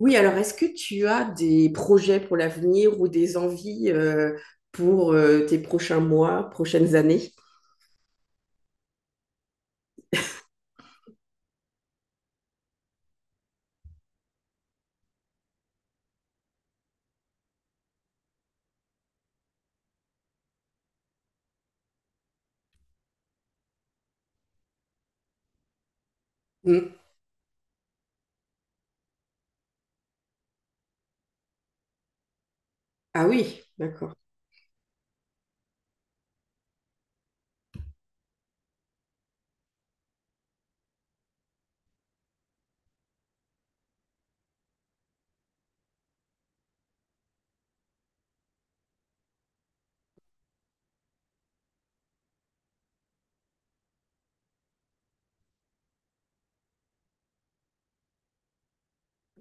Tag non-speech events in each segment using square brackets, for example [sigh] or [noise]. Oui, alors est-ce que tu as des projets pour l'avenir ou des envies pour tes prochains mois, prochaines années? Hmm. Ah oui, d'accord.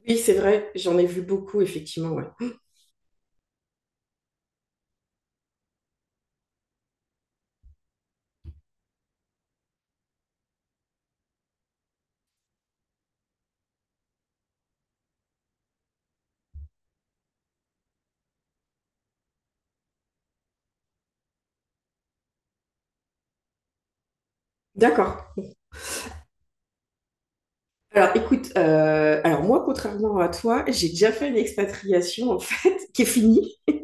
Oui, c'est vrai, j'en ai vu beaucoup, effectivement, ouais. D'accord. Alors écoute, alors moi, contrairement à toi, j'ai déjà fait une expatriation en fait [laughs] qui est finie. [laughs]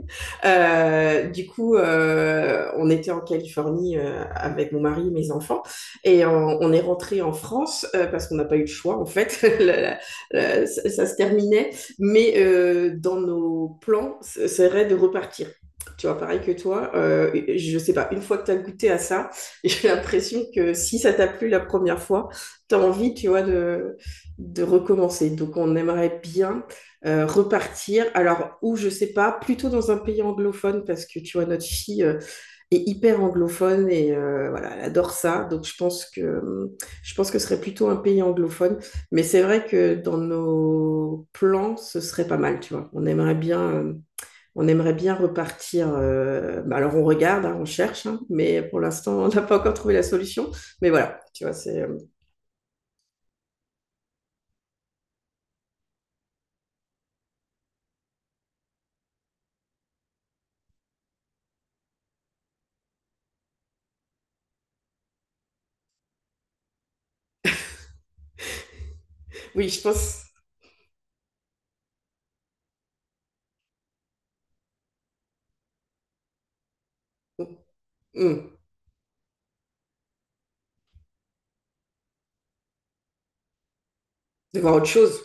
Du coup, on était en Californie, avec mon mari et mes enfants et on est rentré en France, parce qu'on n'a pas eu le choix en fait. [laughs] La, ça se terminait, mais dans nos plans, ce serait de repartir. Tu vois, pareil que toi, je sais pas, une fois que tu as goûté à ça, [laughs] j'ai l'impression que si ça t'a plu la première fois, t'as envie, tu vois, de recommencer. Donc, on aimerait bien repartir. Alors, où je sais pas, plutôt dans un pays anglophone parce que tu vois, notre fille est hyper anglophone et voilà, elle adore ça. Donc, je pense que ce serait plutôt un pays anglophone. Mais c'est vrai que dans nos plans, ce serait pas mal. Tu vois, on aimerait bien. On aimerait bien repartir. Bah alors on regarde, hein, on cherche, hein, mais pour l'instant on n'a pas encore trouvé la solution. Mais voilà, tu vois, c'est oui, je pense. Hmm. De voir autre chose.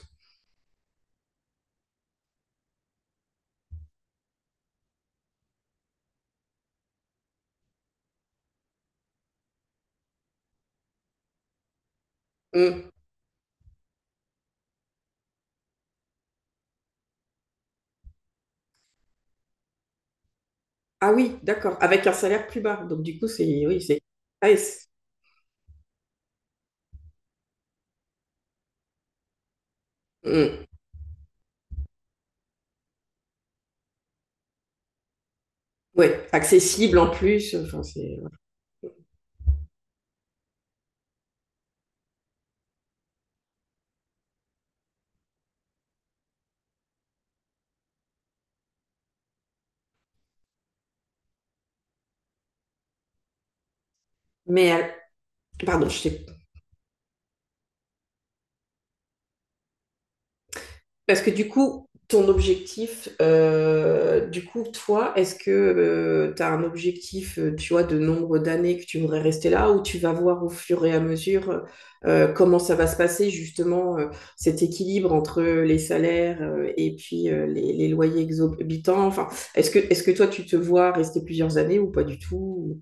Hmm. Ah oui, d'accord. Avec un salaire plus bas. Donc du coup, c'est oui, c'est ah, et c'est- hmm. Ouais, accessible en plus. Enfin, c'est ouais. Mais elle- pardon, je t'ai Parce que du coup, ton objectif, du coup, toi, est-ce que tu as un objectif, tu vois, de nombre d'années que tu voudrais rester là ou tu vas voir au fur et à mesure comment ça va se passer, justement, cet équilibre entre les salaires et puis les loyers exorbitants? Enfin, est-ce que toi, tu te vois rester plusieurs années ou pas du tout?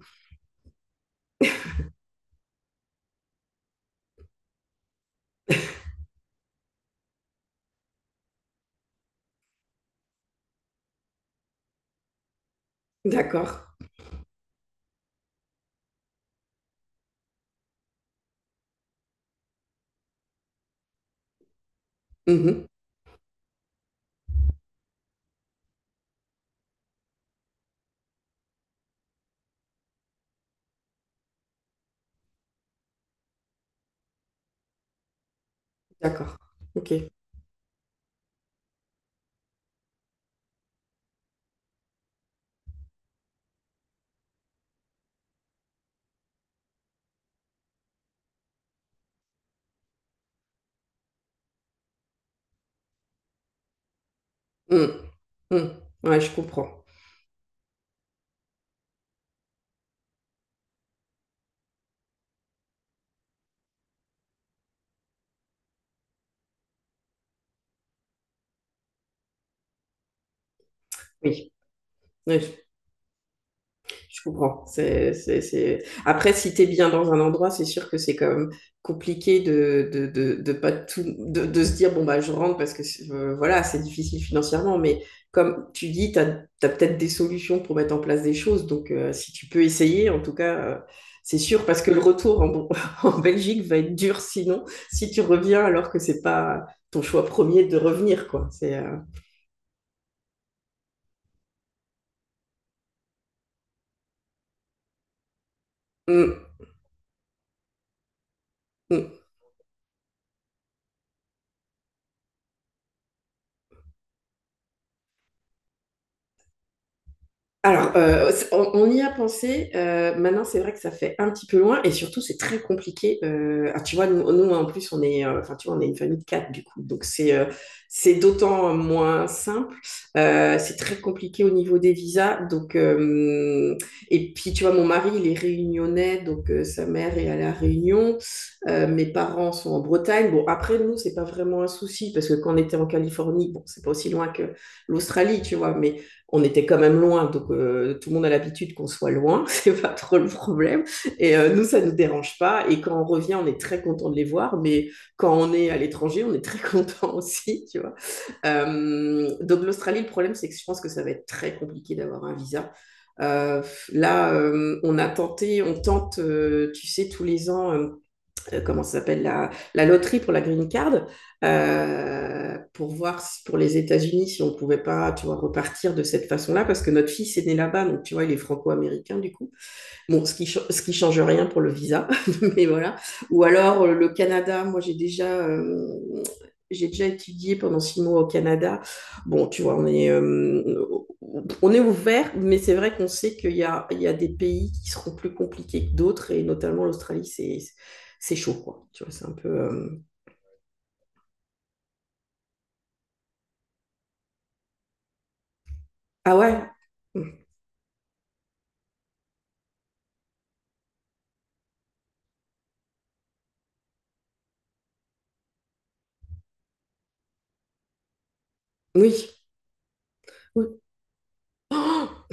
D'accord. Mhm. D'accord. Ok. Mm. Mm. Ouais, je comprends. Oui. Je comprends. C'est... Après, si tu es bien dans un endroit, c'est sûr que c'est quand même compliqué de pas tout, de se dire, bon, bah, je rentre parce que c'est- voilà, c'est difficile financièrement. Mais comme tu dis, tu as, peut-être des solutions pour mettre en place des choses. Donc, si tu peux essayer, en tout cas, c'est sûr, parce que le retour en, [laughs] en, Belgique va être dur sinon, si tu reviens alors que c'est pas ton choix premier de revenir. Quoi. Mm. Mm. Alors, on y a pensé. Euh, maintenant, c'est vrai que ça fait un petit peu loin et surtout, c'est très compliqué. Euh, ah, tu vois, nous, en plus, on est, enfin, tu vois, on est une famille de quatre du coup, donc c'est d'autant moins simple. C'est très compliqué au niveau des visas. Donc, et puis, tu vois, mon mari, il est réunionnais, donc sa mère est à la Réunion. Mes parents sont en Bretagne. Bon, après, nous, c'est pas vraiment un souci parce que quand on était en Californie, bon, c'est pas aussi loin que l'Australie, tu vois, mais on était quand même loin, donc tout le monde a l'habitude qu'on soit loin, [laughs] c'est pas trop le problème. Et nous, ça nous dérange pas. Et quand on revient, on est très content de les voir, mais quand on est à l'étranger, on est très [laughs] content aussi, tu vois. Donc l'Australie, le problème, c'est que je pense que ça va être très compliqué d'avoir un visa. Euh, là, on a tenté, on tente, tu sais, tous les ans, comment ça s'appelle la loterie pour la green card pour voir si- pour les États-Unis si on pouvait pas tu vois repartir de cette façon-là parce que notre fils est né là-bas donc tu vois il est franco-américain du coup. Bon, ce qui change rien pour le visa, [laughs] mais voilà. Ou alors le Canada, j'ai déjà étudié pendant 6 mois au Canada. Bon, tu vois, on est ouvert, mais c'est vrai qu'on sait qu'il y a des pays qui seront plus compliqués que d'autres, et notamment l'Australie, c'est chaud, quoi. Tu vois, c'est un peu. Euh, ah ouais? Oui. Oui. Oh.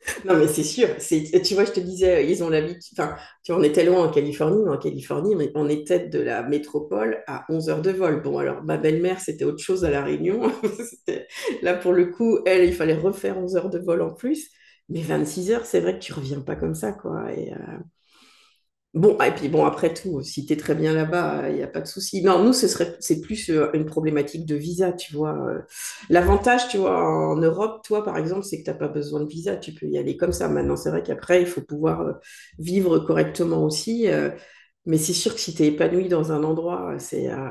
[laughs] Non, mais c'est sûr. C'est, tu vois, je te disais, ils ont l'habitude. Enfin, tu vois, on était loin en Californie, mais en Californie, on était de la métropole à 11 heures de vol. Bon, alors, ma belle-mère, c'était autre chose à La Réunion. [laughs] C'était- Là, pour le coup, elle, il fallait refaire 11 heures de vol en plus. Mais 26 heures, c'est vrai que tu reviens pas comme ça, quoi. Et, bon, ah, et puis bon, après tout, si t'es très bien là-bas, il n'y a pas de souci. Non, nous, ce serait, c'est plus une problématique de visa, tu vois. Euh, l'avantage, tu vois, en Europe, toi, par exemple, c'est que t'as pas besoin de visa, tu peux y aller comme ça. Maintenant, c'est vrai qu'après, il faut pouvoir vivre correctement aussi. Euh, mais c'est sûr que si tu es épanoui dans un endroit,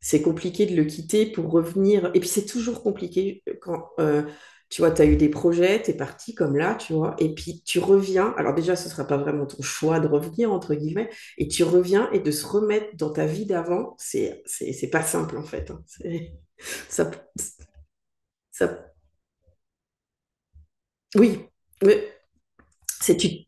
c'est compliqué de le quitter pour revenir. Et puis c'est toujours compliqué quand tu vois, tu as eu des projets, tu es parti comme là, tu vois, et puis tu reviens. Alors déjà, ce ne sera pas vraiment ton choix de revenir, entre guillemets, et tu reviens et de se remettre dans ta vie d'avant, c'est pas simple en fait. Hein. C'est- [laughs] Ça, ça, oui, mais c'est tu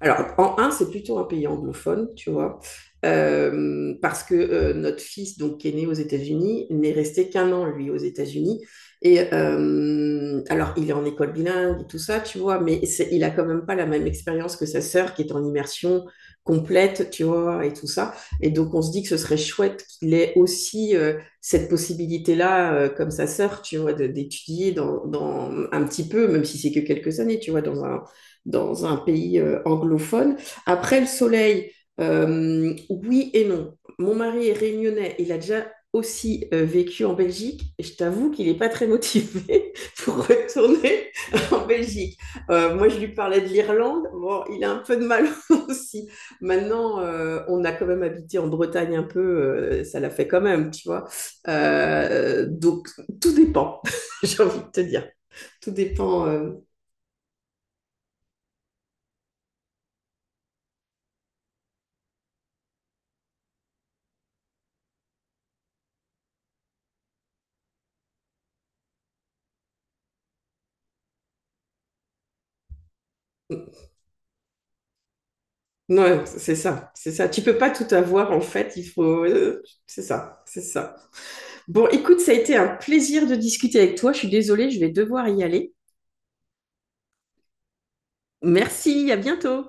alors, en un, c'est plutôt un pays anglophone, tu vois, parce que notre fils, donc, qui est né aux États-Unis, n'est resté qu'un an, lui, aux États-Unis. Et alors, il est en école bilingue et tout ça, tu vois, mais c'est- il a quand même pas la même expérience que sa sœur qui est en immersion complète, tu vois, et tout ça. Et donc, on se dit que ce serait chouette qu'il ait aussi cette possibilité-là, comme sa sœur, tu vois, de- d'étudier dans un petit peu, même si c'est que quelques années, tu vois, dans un pays anglophone. Après le soleil, oui et non. Mon mari est réunionnais, il a déjà aussi vécu en Belgique et je t'avoue qu'il n'est pas très motivé [laughs] pour retourner [laughs] en Belgique. Moi, je lui parlais de l'Irlande, bon, il a un peu de mal [laughs] aussi. Maintenant, on a quand même habité en Bretagne un peu, ça l'a fait quand même, tu vois. Donc, tout dépend, [laughs] j'ai envie de te dire. Tout dépend non, c'est ça. Tu peux pas tout avoir en fait. Il faut, c'est ça. Bon, écoute, ça a été un plaisir de discuter avec toi. Je suis désolée, je vais devoir y aller. Merci, à bientôt.